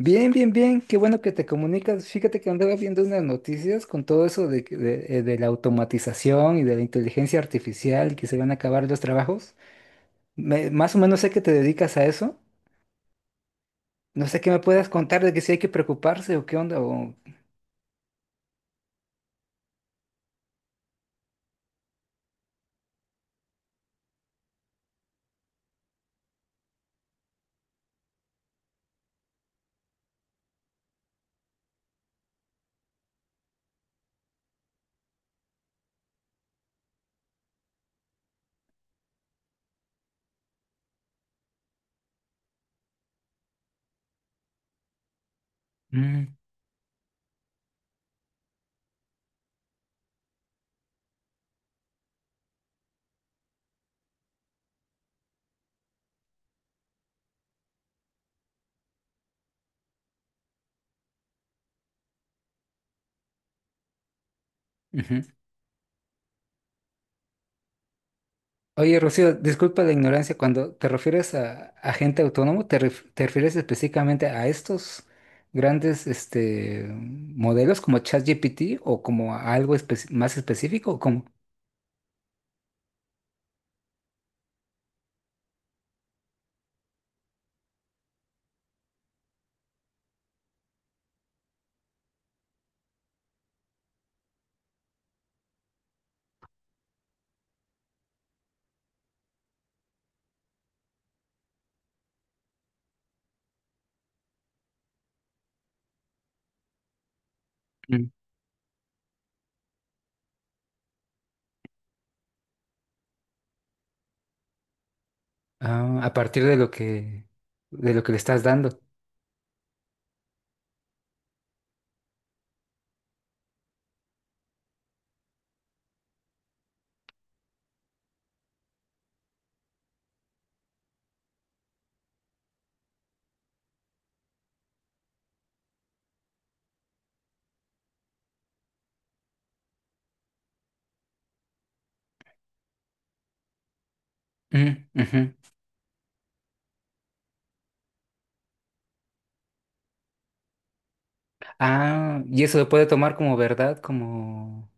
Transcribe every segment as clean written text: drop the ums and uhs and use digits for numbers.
Bien, bien, bien, qué bueno que te comunicas. Fíjate que andaba viendo unas noticias con todo eso de la automatización y de la inteligencia artificial, y que se van a acabar los trabajos. Más o menos sé que te dedicas a eso. No sé qué me puedas contar de que si hay que preocuparse o qué onda. Mm, ujú. Oye, Rocío, disculpa la ignorancia. Cuando te refieres a agente autónomo, ¿te refieres específicamente a estos grandes este, modelos como ChatGPT o como a algo más específico o como... Ah, a partir de de lo que le estás dando. Mm, ujú. Ah, y eso lo puede tomar como verdad, como...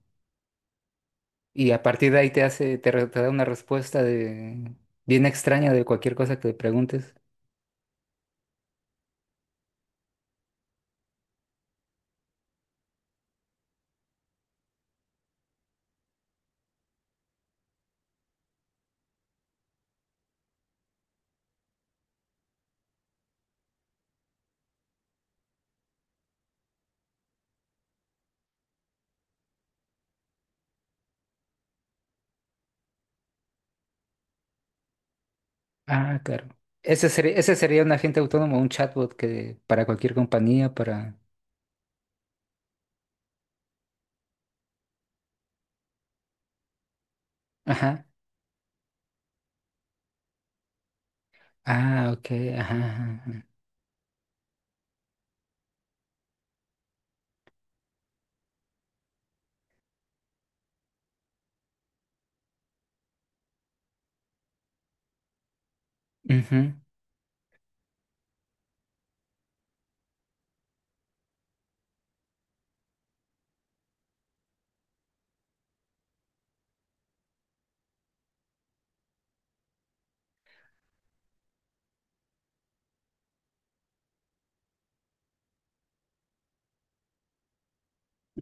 Y a partir de ahí te hace, te, re- te da una respuesta de bien extraña de cualquier cosa que le preguntes. Ah, claro. Ese sería un agente autónomo, un chatbot que para cualquier compañía, para... Ajá. Ah, ok. Ajá, ajá, ajá. Ujú,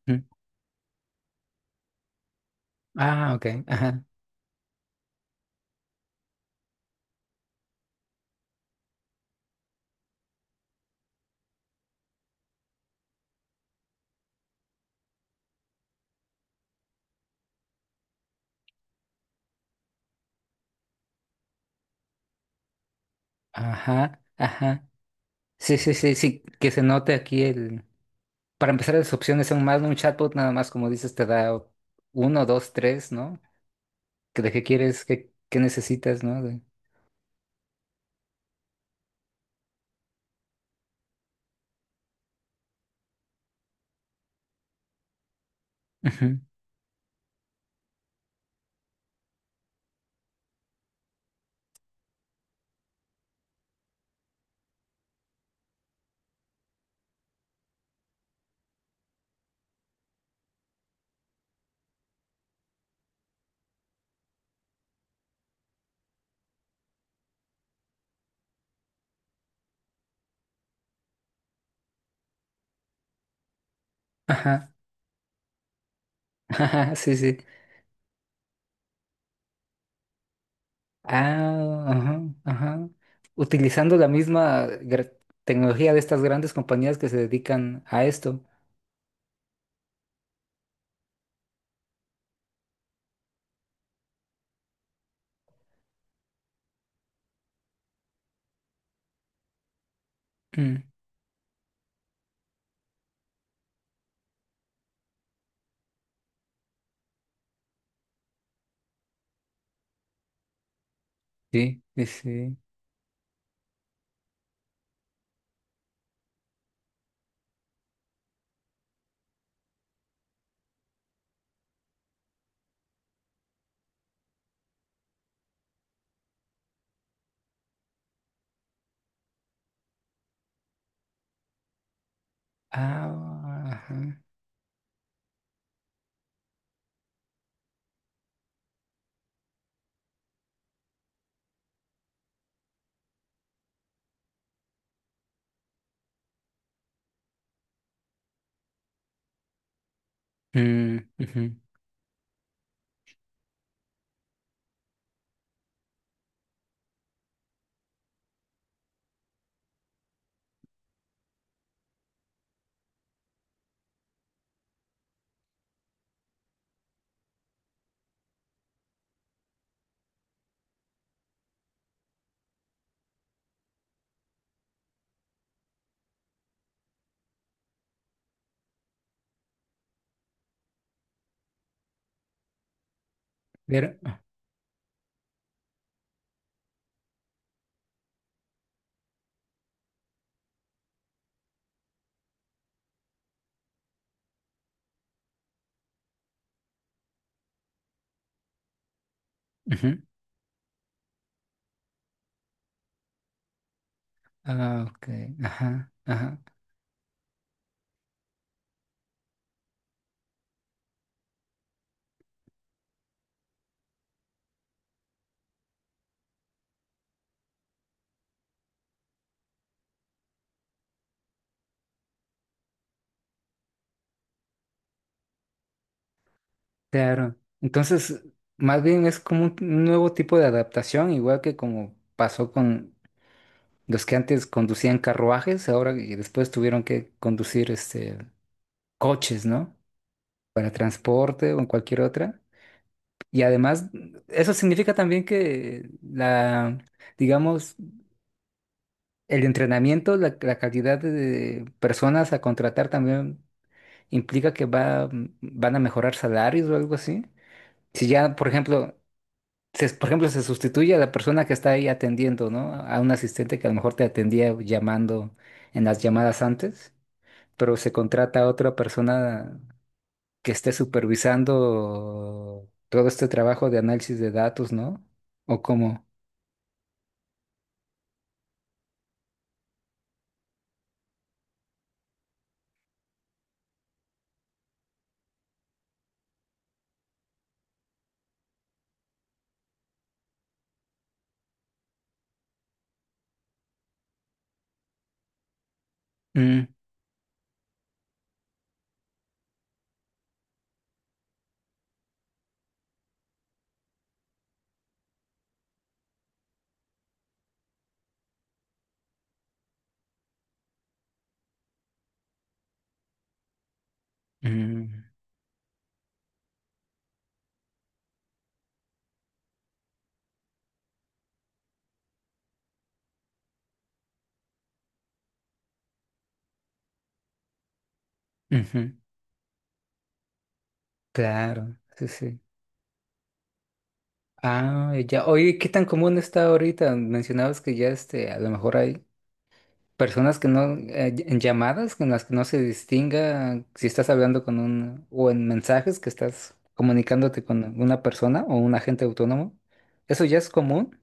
ujú. Ah, ok. Ajá. Ajá. Ajá. Sí, sí, sí, sí. Que se note aquí el... Para empezar, las opciones son más, ¿no? Un chatbot nada más, como dices, te da uno, dos, tres, ¿no? Que ¿de qué quieres? ¿Qué, qué necesitas, ¿no? De... Ujú. Ajá, ajá, sí, sí. Ah, ajá, ajá. Utilizando la misma tecnología de estas grandes compañías que se dedican a esto. Mm, sí, sí, sí. Ah, ajá. Mm, ujú. Pero, ujú. Ah, ok, ajá, ajá. Claro. Entonces, más bien es como un nuevo tipo de adaptación, igual que como pasó con los que antes conducían carruajes, ahora y después tuvieron que conducir este coches, ¿no? Para transporte o en cualquier otra. Y además, eso significa también que digamos, el entrenamiento, la calidad de personas a contratar también implica van a mejorar salarios o algo así. Si ya, por ejemplo, por ejemplo, se sustituye a la persona que está ahí atendiendo, ¿no? A un asistente que a lo mejor te atendía llamando en las llamadas antes, pero se contrata a otra persona que esté supervisando todo este trabajo de análisis de datos, ¿no? ¿O cómo? Mm, mm, ujú, claro, sí, sí. Ah, ya. Oye, ¿qué tan común está ahorita? Mencionabas que ya este, a lo mejor hay personas que no, en llamadas en las que no se distinga si estás hablando con un, o en mensajes que estás comunicándote con una persona o un agente autónomo. ¿Eso ya es común?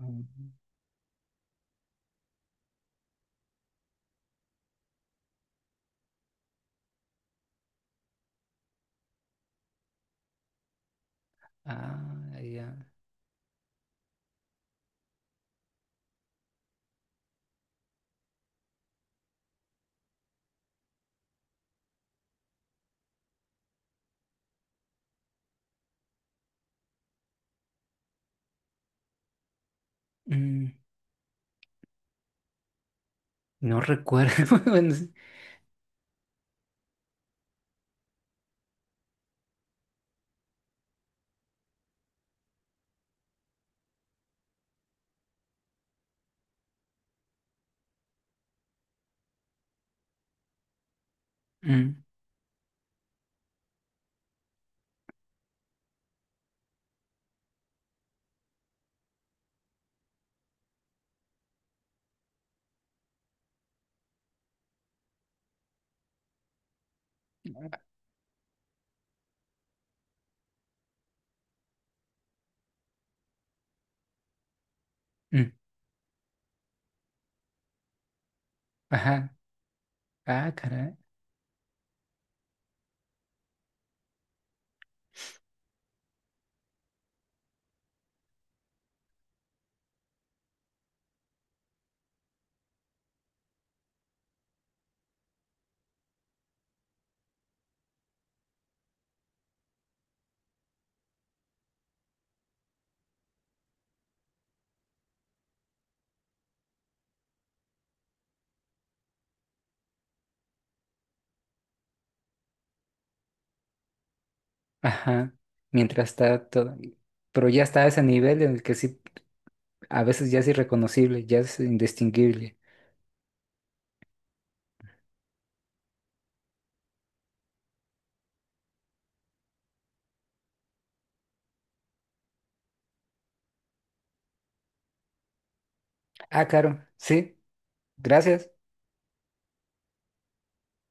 Mm. Ah, ya. Mm, no recuerdo. Bueno, sí. Mm, mm, ajá. Ah, caray. Ajá. Mientras está todo. Pero ya está a ese nivel en el que sí, a veces ya es irreconocible, ya es indistinguible. Ah, claro. Sí. Gracias.